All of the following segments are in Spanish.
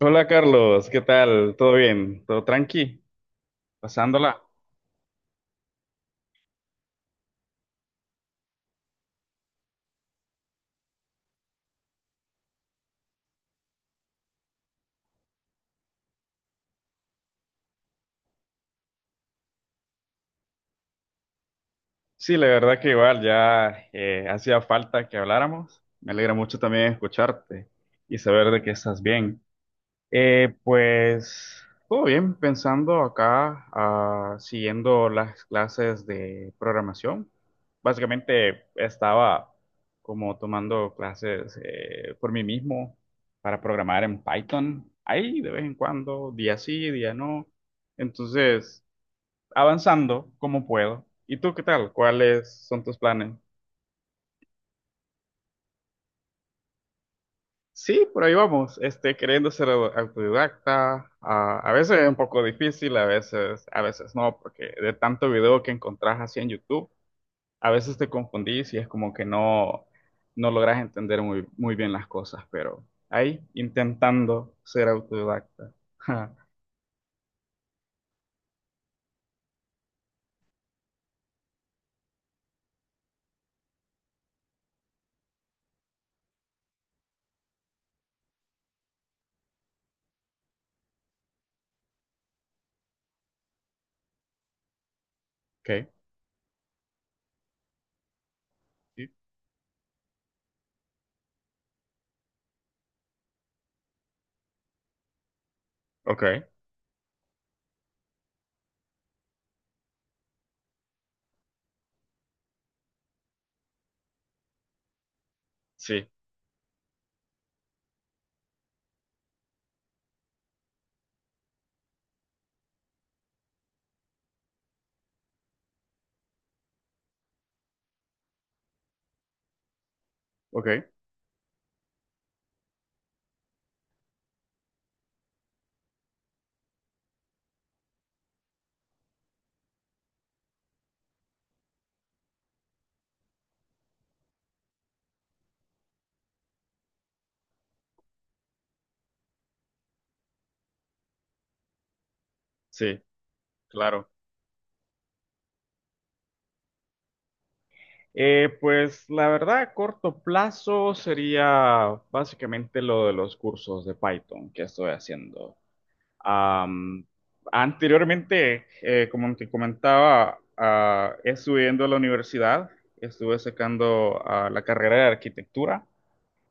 Hola Carlos, ¿qué tal? ¿Todo bien? ¿Todo tranqui? ¿Pasándola? Sí, la verdad que igual ya hacía falta que habláramos. Me alegra mucho también escucharte y saber de que estás bien. Pues todo bien, pensando acá, siguiendo las clases de programación. Básicamente estaba como tomando clases por mí mismo para programar en Python, ahí de vez en cuando, día sí, día no. Entonces, avanzando como puedo. ¿Y tú qué tal? ¿Cuáles son tus planes? Sí, por ahí vamos, este, queriendo ser autodidacta, a veces es un poco difícil, a veces no, porque de tanto video que encontrás así en YouTube, a veces te confundís y es como que no, no logras entender muy bien las cosas, pero ahí intentando ser autodidacta. Ja, okay, sí, okay, sí, okay, sí, claro. Pues la verdad, a corto plazo sería básicamente lo de los cursos de Python que estoy haciendo. Am, anteriormente, como te comentaba, estudiando a la universidad, estuve sacando la carrera de arquitectura.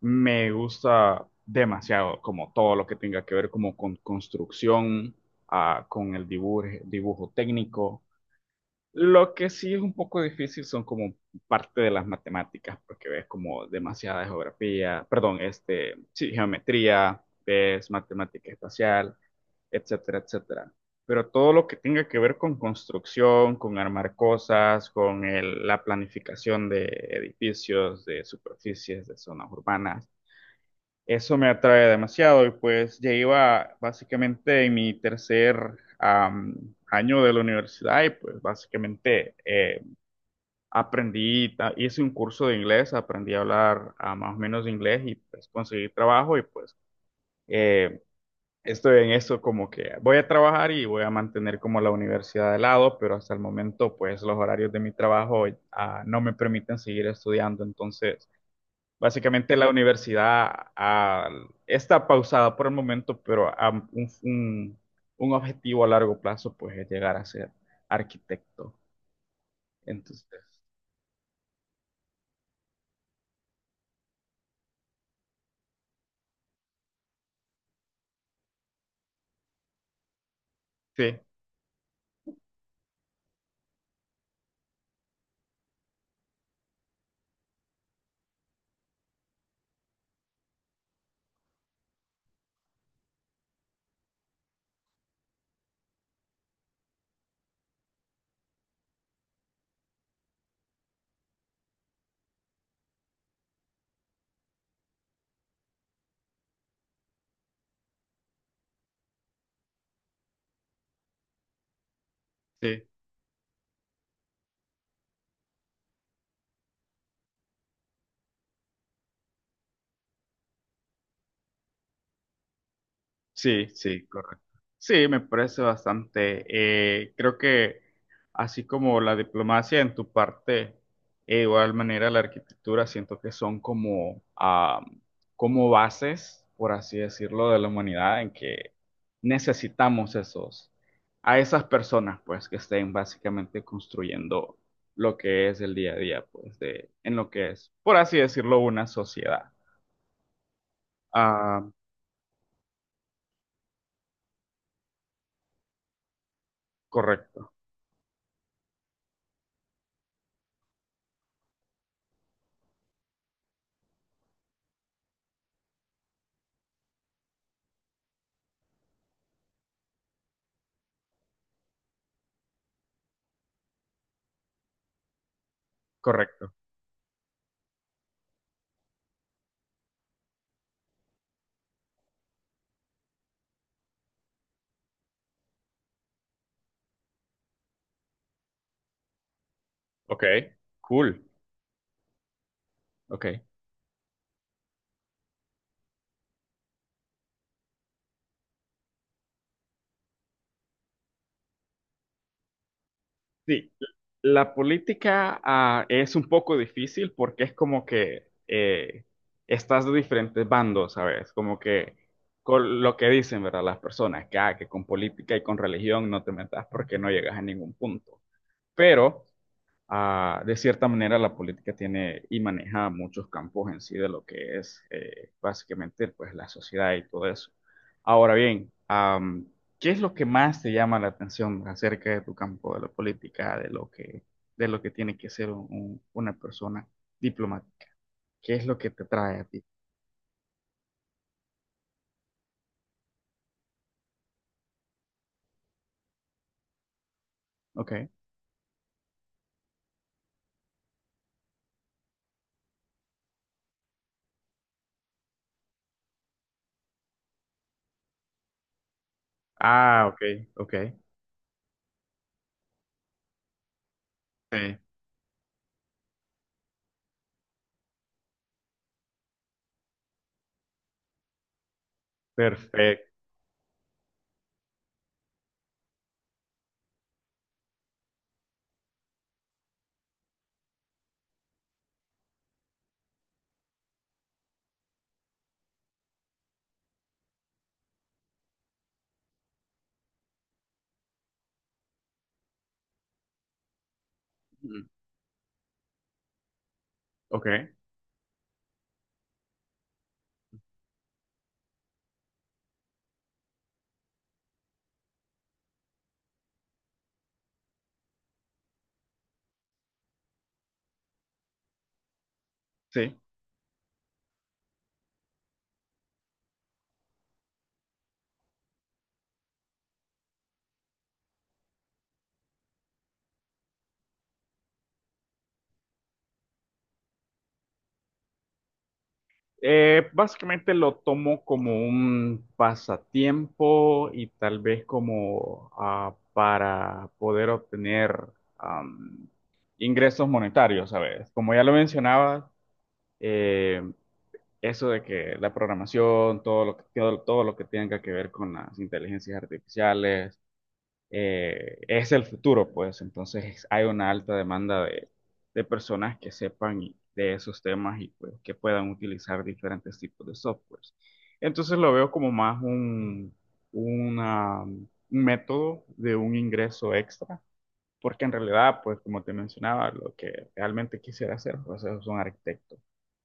Me gusta demasiado como todo lo que tenga que ver como con construcción, con el dibujo, dibujo técnico. Lo que sí es un poco difícil son como parte de las matemáticas, porque ves como demasiada geografía, perdón, este, sí, geometría, ves matemática espacial, etcétera, etcétera. Pero todo lo que tenga que ver con construcción, con armar cosas, con la planificación de edificios, de superficies, de zonas urbanas, eso me atrae demasiado y pues ya iba básicamente en mi tercer año de la universidad y pues básicamente aprendí, hice un curso de inglés, aprendí a hablar más o menos inglés y pues conseguí trabajo y pues... eh, Estoy en eso como que voy a trabajar y voy a mantener como la universidad de lado, pero hasta el momento pues los horarios de mi trabajo no me permiten seguir estudiando. Entonces, básicamente la universidad ah, está pausada por el momento, pero un objetivo a largo plazo pues es llegar a ser arquitecto. Entonces, sí, sí. Sí, sí, correcto. Sí, me parece bastante. Creo que así como la diplomacia en tu parte, e igual manera la arquitectura, siento que son como, como bases, por así decirlo, de la humanidad en que necesitamos esos, a esas personas, pues, que estén básicamente construyendo lo que es el día a día, pues, de, en lo que es, por así decirlo, una sociedad. Ah, correcto, correcto. Ok, cool. Ok. Sí, la política es un poco difícil porque es como que estás de diferentes bandos, ¿sabes? Como que con lo que dicen, ¿verdad? Las personas, que, que con política y con religión no te metas porque no llegas a ningún punto. Pero de cierta manera la política tiene y maneja muchos campos en sí de lo que es básicamente pues la sociedad y todo eso. Ahora bien, ¿qué es lo que más te llama la atención acerca de tu campo de la política, de lo que tiene que ser una persona diplomática? ¿Qué es lo que te trae a ti? Ok. Ah, ok, ok. Sí, perfecto. Mm, ok, sí. Básicamente lo tomo como un pasatiempo y tal vez como para poder obtener am, ingresos monetarios, ¿sabes? Como ya lo mencionaba, eh, eso de que la programación, todo lo que, todo, todo lo que tenga que ver con las inteligencias artificiales, es el futuro, pues entonces hay una alta demanda de personas que sepan de esos temas y pues, que puedan utilizar diferentes tipos de softwares. Entonces lo veo como más un método de un ingreso extra porque en realidad, pues como te mencionaba, lo que realmente quisiera hacer, pues es un arquitecto.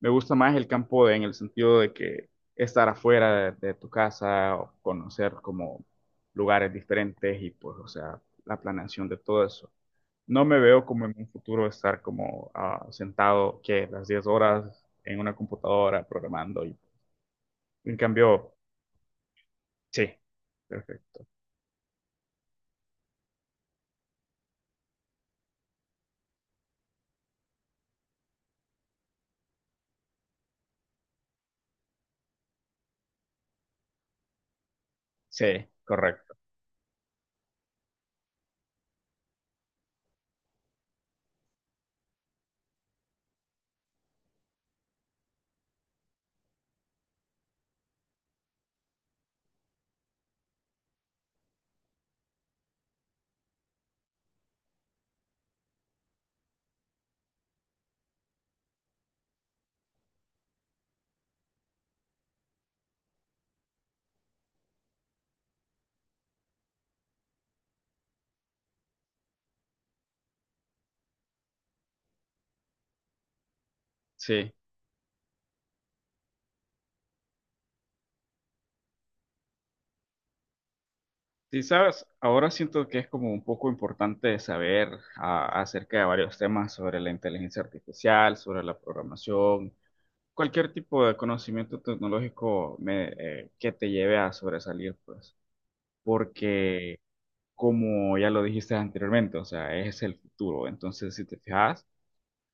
Me gusta más el campo en el sentido de que estar afuera de tu casa, o conocer como lugares diferentes y pues, o sea, la planeación de todo eso. No me veo como en un futuro estar como sentado que las 10 horas en una computadora programando. Y, en cambio, sí, perfecto. Sí, correcto. Sí. Sí, sabes, ahora siento que es como un poco importante saber acerca de varios temas sobre la inteligencia artificial, sobre la programación, cualquier tipo de conocimiento tecnológico que te lleve a sobresalir, pues, porque como ya lo dijiste anteriormente, o sea, es el futuro. Entonces, si te fijas,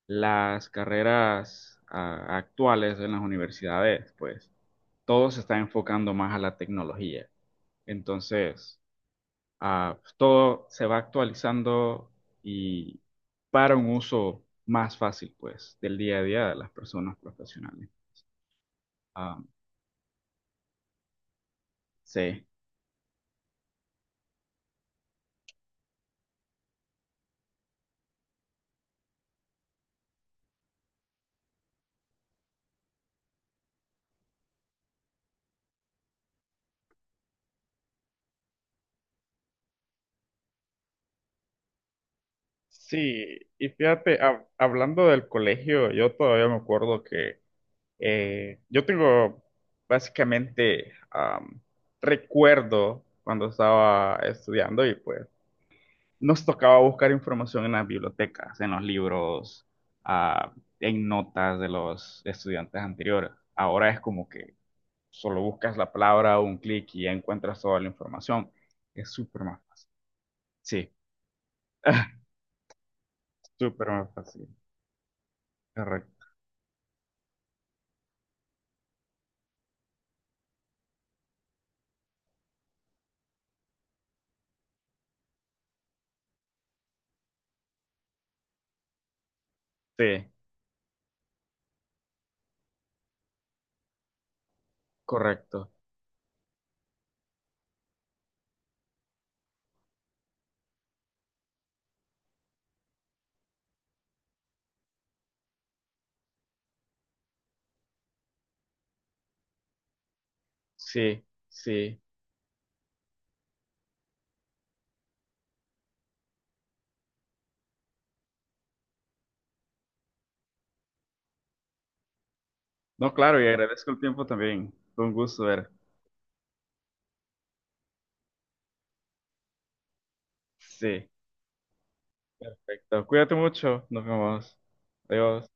las carreras actuales en las universidades, pues, todo se está enfocando más a la tecnología. Entonces... Pues, todo se va actualizando y para un uso más fácil, pues, del día a día de las personas profesionales. Ah, sí. Sí, y fíjate, hablando del colegio, yo todavía me acuerdo que yo tengo básicamente am, recuerdo cuando estaba estudiando y pues nos tocaba buscar información en las bibliotecas, en los libros, ah, en notas de los estudiantes anteriores. Ahora es como que solo buscas la palabra, un clic y ya encuentras toda la información. Es súper más fácil. Sí, súper más fácil. Correcto. Sí, correcto. Sí, sí. No, claro, y agradezco el tiempo también. Fue un gusto ver. Sí, perfecto. Cuídate mucho. Nos vemos. Adiós.